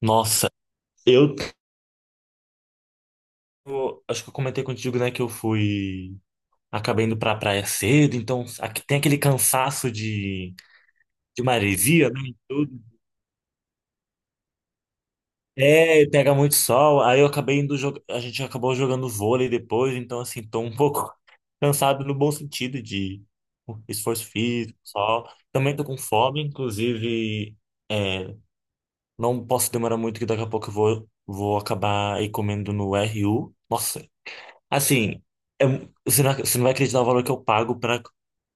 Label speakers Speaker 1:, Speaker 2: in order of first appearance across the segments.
Speaker 1: Nossa, eu eu acho que eu comentei contigo, né, que eu fui acabei indo pra praia cedo, então aqui tem aquele cansaço de maresia, né, e tudo. É, pega muito sol, aí eu acabei indo jogar, a gente acabou jogando vôlei depois, então assim, tô um pouco cansado no bom sentido de esforço físico, sol. Também tô com fome, inclusive, é, não posso demorar muito que daqui a pouco eu vou acabar aí comendo no RU. Nossa, assim, você não vai acreditar o valor que eu pago para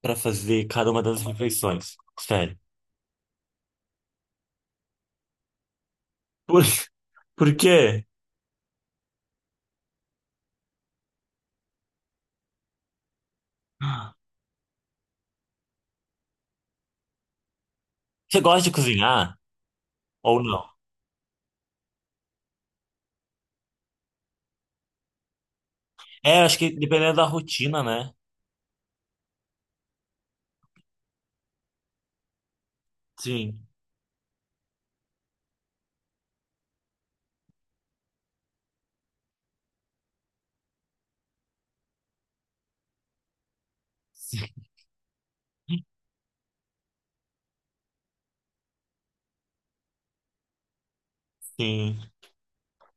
Speaker 1: para fazer cada uma das refeições. Sério. Por, por quê? Você gosta de cozinhar ou não? É, acho que dependendo da rotina, né? Sim. Sim.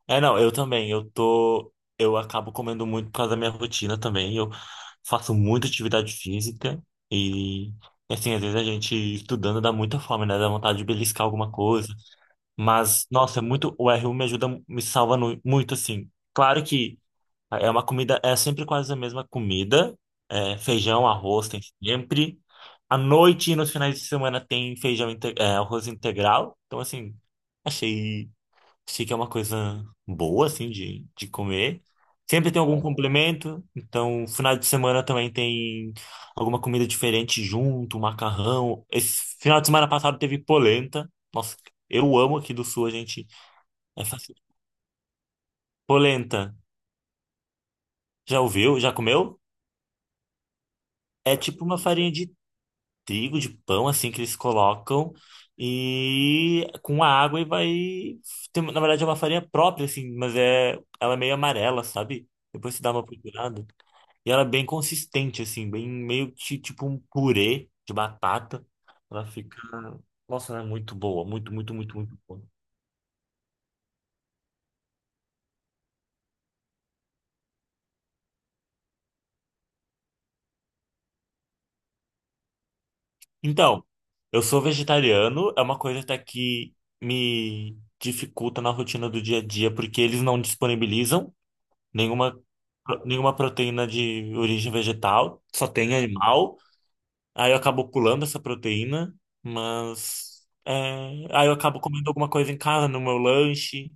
Speaker 1: É, não, eu também. Eu tô. Eu acabo comendo muito por causa da minha rotina também. Eu faço muita atividade física e, assim, às vezes a gente estudando dá muita fome, né? Dá vontade de beliscar alguma coisa. Mas, nossa, é muito, o R1 me ajuda, me salva muito, assim. Claro que é uma comida, é sempre quase a mesma comida. É, feijão, arroz tem sempre. À noite e nos finais de semana tem feijão, arroz integral. Então, assim, achei se que é uma coisa boa, assim, de, comer. Sempre tem algum complemento, então final de semana também tem alguma comida diferente junto, macarrão. Esse final de semana passado teve polenta. Nossa, eu amo aqui do sul, a gente é fácil. Polenta, já ouviu? Já comeu? É tipo uma farinha de trigo, de pão, assim, que eles colocam e com a água e vai. Na verdade, é uma farinha própria, assim, mas ela é meio amarela, sabe? Depois você dá uma procurada. E ela é bem consistente, assim, bem meio que tipo um purê de batata. Ela fica. Nossa, ela é muito boa, muito, muito, muito, muito boa. Então, eu sou vegetariano, é uma coisa até que me dificulta na rotina do dia a dia, porque eles não disponibilizam nenhuma, nenhuma proteína de origem vegetal, só tem animal. Aí eu acabo pulando essa proteína, mas. é, aí eu acabo comendo alguma coisa em casa, no meu lanche.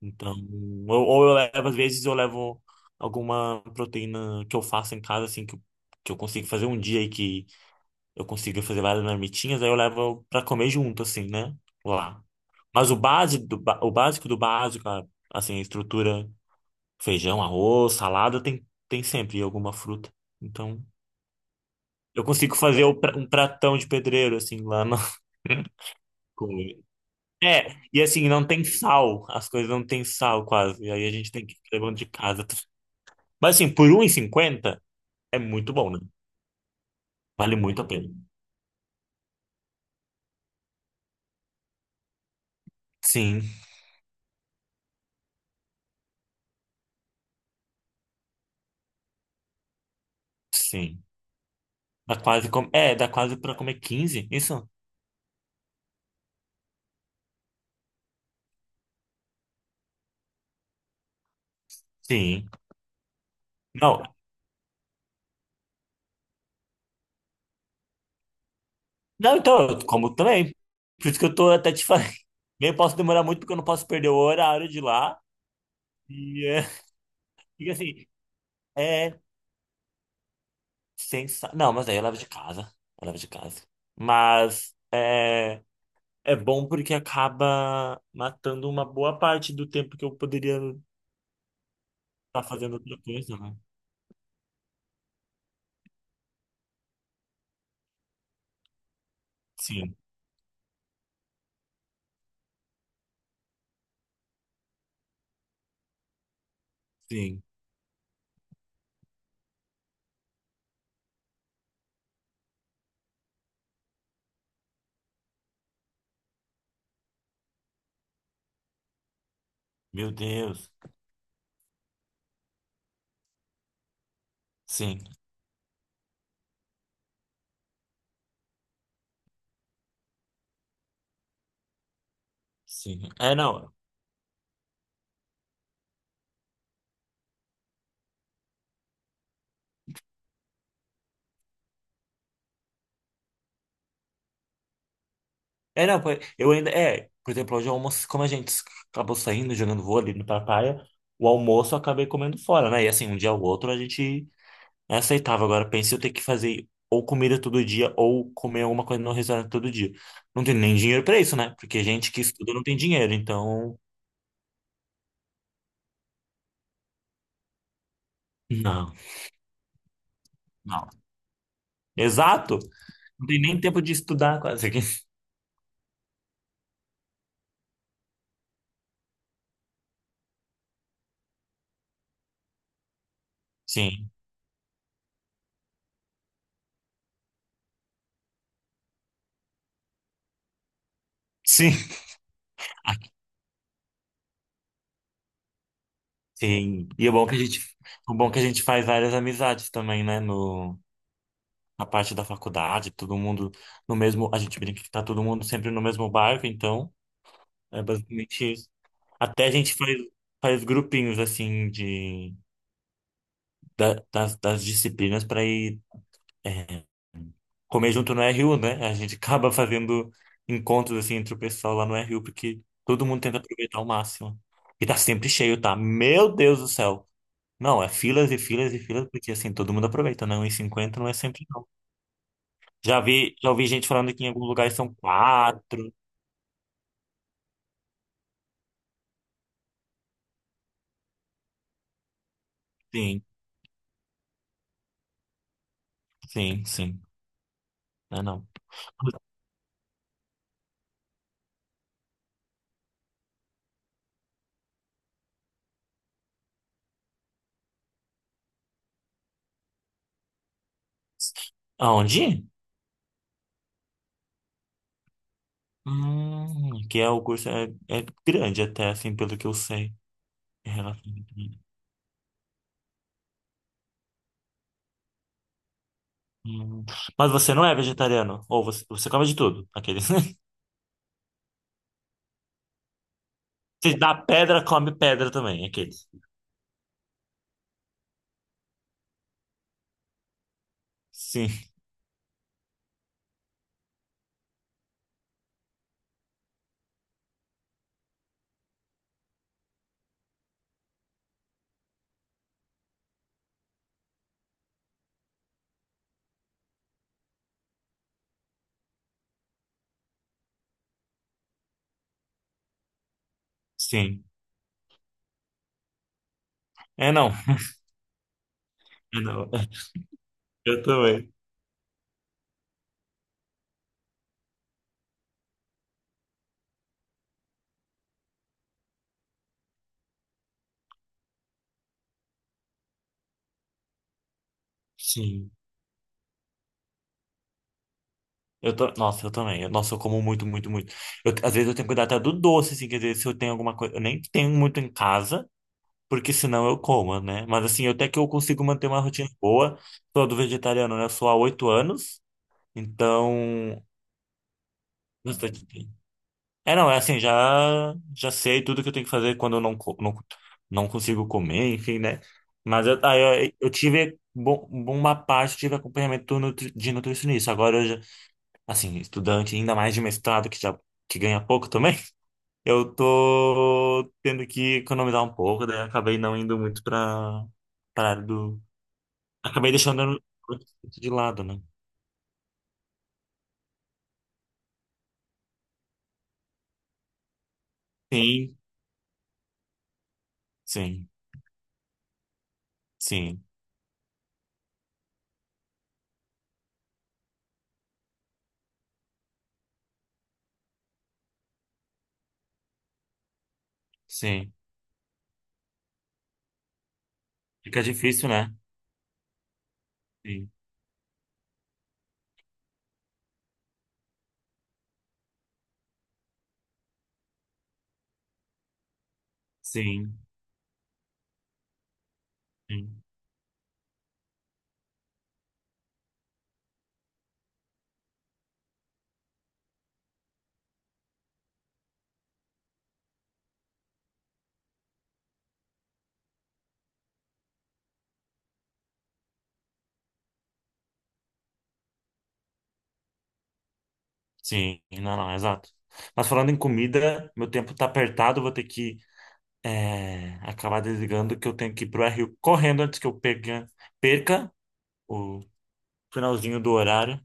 Speaker 1: Então, ou eu levo, às vezes eu levo alguma proteína que eu faço em casa, assim, que eu consigo fazer um dia e que eu consigo fazer várias marmitinhas, aí eu levo pra comer junto, assim, né? Lá. Mas o básico do básico, assim, a estrutura, feijão, arroz, salada, tem sempre alguma fruta. Então, eu consigo fazer um pratão de pedreiro, assim, lá na comer. É, e assim, não tem sal, as coisas não tem sal quase, e aí a gente tem que ir levando de casa. Mas assim, por 1,50 é muito bom, né? Vale muito a pena. Sim, sim. Dá quase como. É, dá quase pra comer 15 isso? Sim. Não. Não, então, eu como também. Por isso que eu tô até te falando. Nem posso demorar muito porque eu não posso perder o horário de lá. E, e assim, é sensacional. Não, mas aí eu levo de casa. Eu levo de casa. Mas é bom porque acaba matando uma boa parte do tempo que eu poderia estar fazendo outra coisa, né? Sim, sim. Meu Deus. Sim, sim. É, não. É, não, eu ainda. É, por exemplo, hoje o almoço, como a gente acabou saindo, jogando vôlei no pra praia, o almoço eu acabei comendo fora, né? E assim, um dia ou outro a gente aceitava. Agora, pense eu ter que fazer ou comida todo dia ou comer alguma coisa no restaurante todo dia. Não tem nem dinheiro pra isso, né? Porque gente que estuda não tem dinheiro, então. Não, não. Exato! Não tem nem tempo de estudar quase. aqui. Sim, sim. Sim. O bom que a gente faz várias amizades também, né? No, na parte da faculdade, todo mundo no mesmo. A gente brinca que tá todo mundo sempre no mesmo barco, então é basicamente isso. Até a gente faz grupinhos assim das disciplinas para ir é, comer junto no RU, né? A gente acaba fazendo encontros assim entre o pessoal lá no RU, porque todo mundo tenta aproveitar ao máximo. E tá sempre cheio, tá? Meu Deus do céu! Não, é filas e filas e filas, porque assim, todo mundo aproveita, né? 1,50 não é sempre, não. Já vi, já ouvi gente falando que em alguns lugares são 4. Sim, sim, sim. Não é não. Aonde? Que é o curso é grande até, assim, pelo que eu sei. Em relação a Hum. Mas você não é vegetariano? Ou você come de tudo? Aqueles. Você dá pedra, come pedra também, aqueles. Sim, sim. É não. É não. Eu também. Sim. Eu tô, nossa, eu também. Nossa, eu como muito, muito, muito. Às vezes eu tenho que cuidar até do doce, assim, quer dizer, se eu tenho alguma coisa. Eu nem tenho muito em casa, porque senão eu como, né? Mas assim, até que eu consigo manter uma rotina boa. Sou do vegetariano, né? Eu sou há 8 anos, então. Bastante tempo. É, não, é assim, já sei tudo que eu tenho que fazer quando eu não consigo comer, enfim, né? Mas aí eu tive bom, uma parte, tive acompanhamento de nutricionista. Agora eu já. Assim, estudante, ainda mais de mestrado, que ganha pouco também, eu tô tendo que economizar um pouco, daí acabei não indo muito pra, área do. Acabei deixando de lado, né? Sim, sim, sim, sim. Fica difícil, né? Sim, sim, sim, sim. Não, não, exato. Mas falando em comida, meu tempo tá apertado, vou ter que acabar desligando que eu tenho que ir pro RU correndo antes que eu pegue, perca o finalzinho do horário.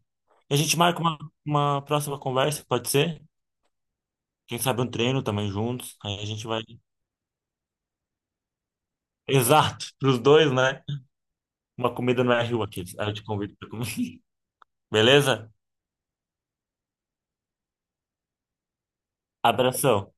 Speaker 1: E a gente marca uma próxima conversa, pode ser? Quem sabe um treino também juntos. Aí a gente vai. Exato, pros dois, né? Uma comida no RU aqui. Aí eu te convido pra comer. Beleza? Abração.